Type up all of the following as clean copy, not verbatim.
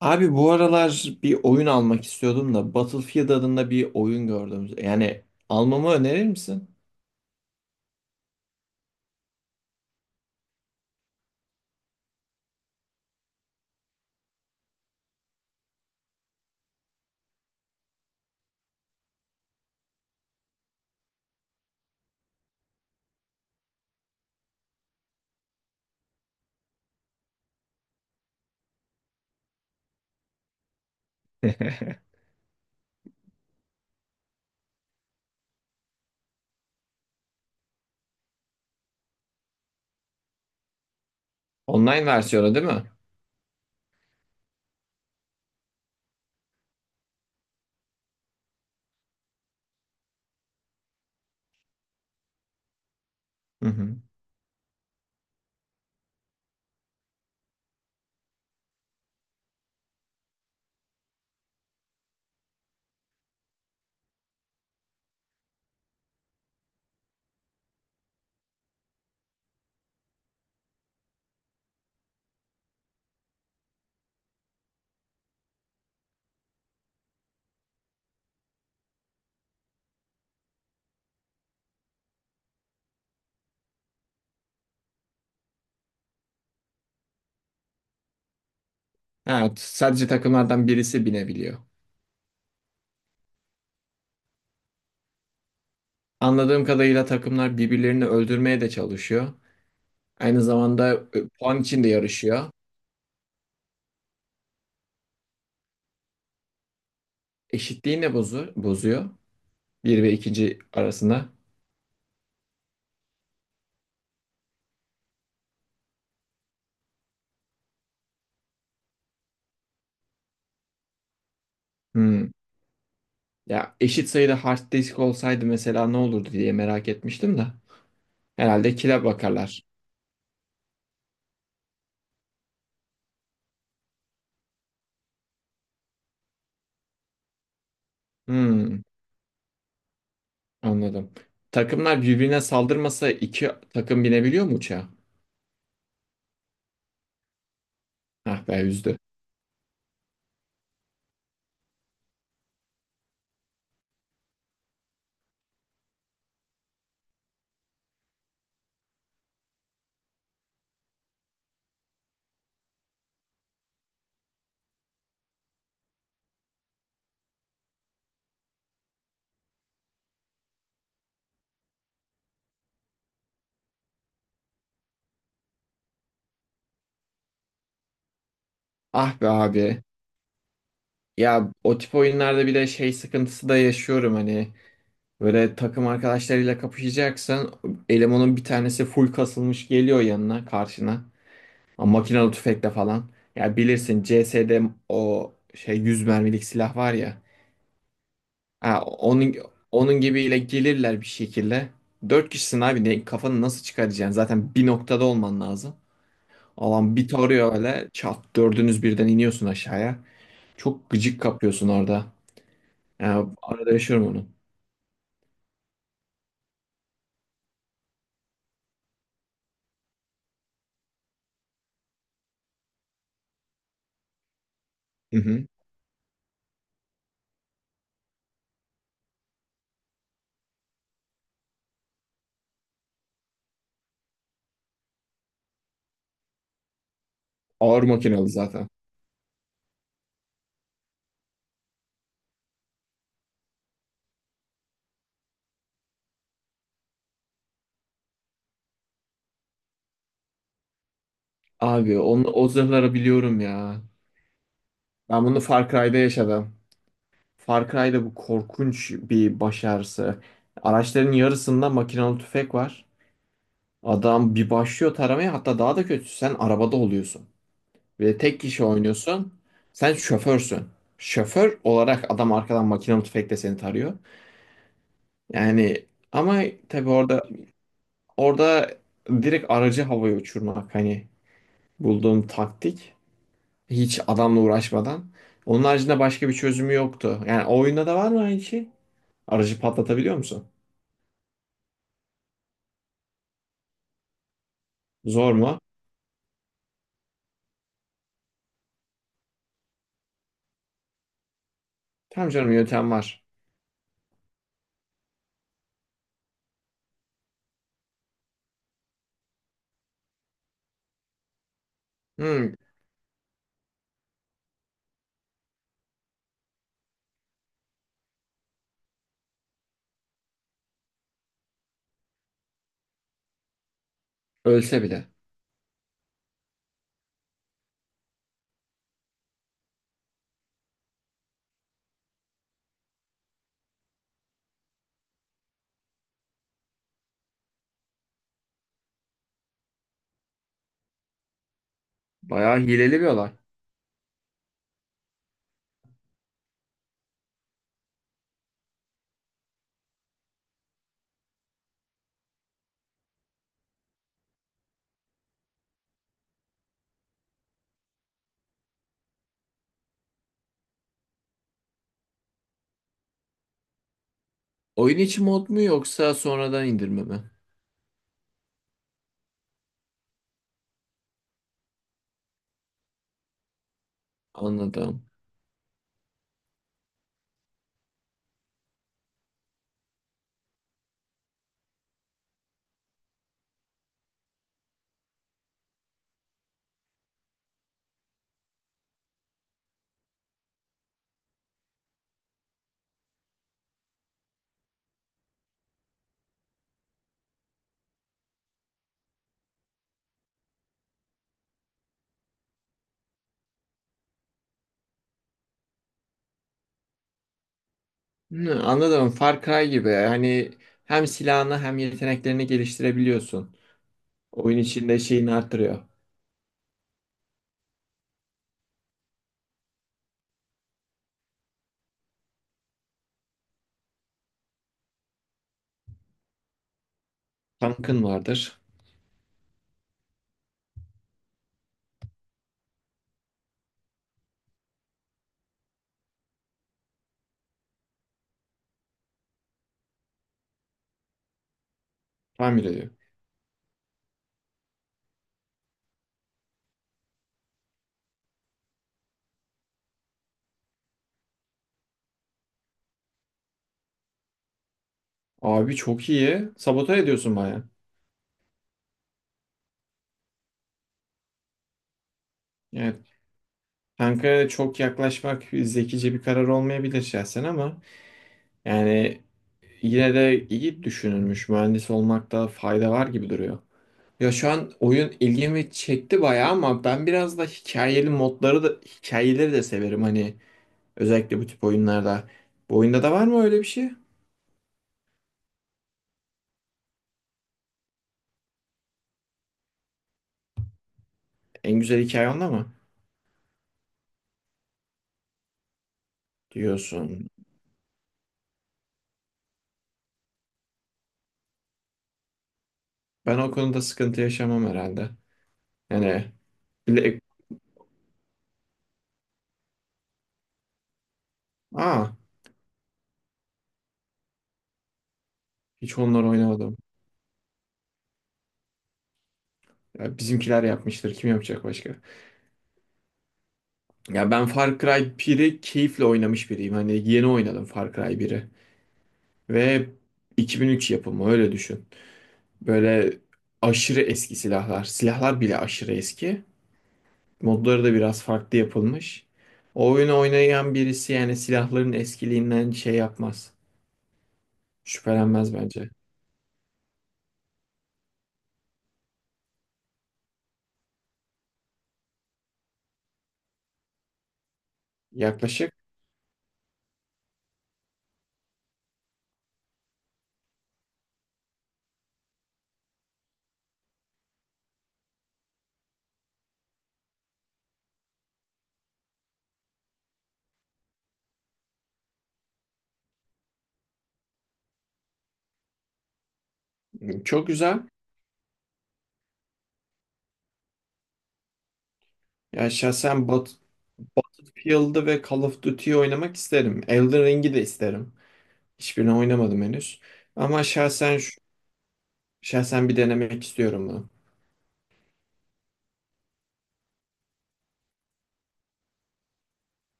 Abi bu aralar bir oyun almak istiyordum da Battlefield adında bir oyun gördüm. Yani almamı önerir misin? Online versiyonu değil mi? Hı hı. Evet, sadece takımlardan birisi binebiliyor. Anladığım kadarıyla takımlar birbirlerini öldürmeye de çalışıyor. Aynı zamanda puan için de yarışıyor. Eşitliği ne bozuyor? Bir ve ikinci arasında. Hmm. Ya eşit sayıda hard disk olsaydı mesela ne olurdu diye merak etmiştim de. Herhalde kile bakarlar. Hmm. Anladım. Takımlar birbirine saldırmasa iki takım binebiliyor mu uçağa? Ah be üzdü. Ah be abi. Ya o tip oyunlarda bile şey sıkıntısı da yaşıyorum hani. Böyle takım arkadaşlarıyla kapışacaksan elemanın bir tanesi full kasılmış geliyor yanına karşına. Ama makinalı tüfekle falan. Ya bilirsin CS'de o şey 100 mermilik silah var ya. Ha, onun gibiyle gelirler bir şekilde. Dört kişisin abi ne, kafanı nasıl çıkaracaksın? Zaten bir noktada olman lazım. Alan bir tarıyor öyle. Çat dördünüz birden iniyorsun aşağıya. Çok gıcık kapıyorsun orada. Yani arada yaşıyorum onu. Hı hı. Ağır makinalı zaten. Abi onu, o zırhları biliyorum ya. Ben bunu Far Cry'da yaşadım. Far Cry'da bu korkunç bir baş ağrısı. Araçların yarısında makinalı tüfek var. Adam bir başlıyor taramaya, hatta daha da kötüsü sen arabada oluyorsun. Ve tek kişi oynuyorsun. Sen şoförsün. Şoför olarak adam arkadan makinalı tüfekle seni tarıyor. Yani ama tabii orada, orada direkt aracı havaya uçurmak hani bulduğum taktik hiç adamla uğraşmadan. Onun haricinde başka bir çözümü yoktu. Yani o oyunda da var mı aynı şey? Aracı patlatabiliyor musun? Zor mu? Tamam canım, yöntem var. Hmm, ölse bile. Bayağı hileli bir olay. Oyun içi mod mu yoksa sonradan indirme mi? Anladım. Hmm, anladım. Far Cry gibi. Yani hem silahını hem yeteneklerini geliştirebiliyorsun. Oyun içinde şeyini arttırıyor. Tankın vardır. Tamir ediyor. Abi çok iyi. Sabote ediyorsun baya. Yani tanka çok yaklaşmak zekice bir karar olmayabilir şahsen ama yani yine de iyi düşünülmüş. Mühendis olmakta fayda var gibi duruyor. Ya şu an oyun ilgimi çekti bayağı ama ben biraz da hikayeli modları da hikayeleri de severim hani, özellikle bu tip oyunlarda. Bu oyunda da var mı öyle bir şey? En güzel hikaye onda mı? Diyorsun. Ben o konuda sıkıntı yaşamam herhalde. Yani. Aa, hiç onlar oynamadım. Ya bizimkiler yapmıştır. Kim yapacak başka? Ya ben Far Cry 1'i keyifle oynamış biriyim. Hani yeni oynadım Far Cry 1'i. Ve 2003 yapımı öyle düşün. Böyle aşırı eski silahlar. Silahlar bile aşırı eski. Modları da biraz farklı yapılmış. O oyunu oynayan birisi yani silahların eskiliğinden şey yapmaz. Şüphelenmez bence. Yaklaşık çok güzel. Ya şahsen Battlefield'ı ve Call of Duty'yi oynamak isterim. Elden Ring'i de isterim. Hiçbirini oynamadım henüz. Ama şahsen bir denemek istiyorum bunu.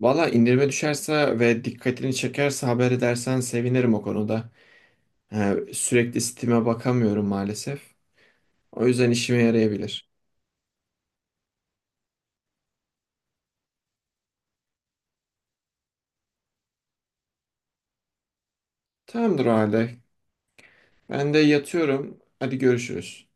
Valla indirime düşerse ve dikkatini çekerse haber edersen sevinirim o konuda. Sürekli Steam'e bakamıyorum maalesef. O yüzden işime yarayabilir. Tamamdır o halde. Ben de yatıyorum. Hadi görüşürüz.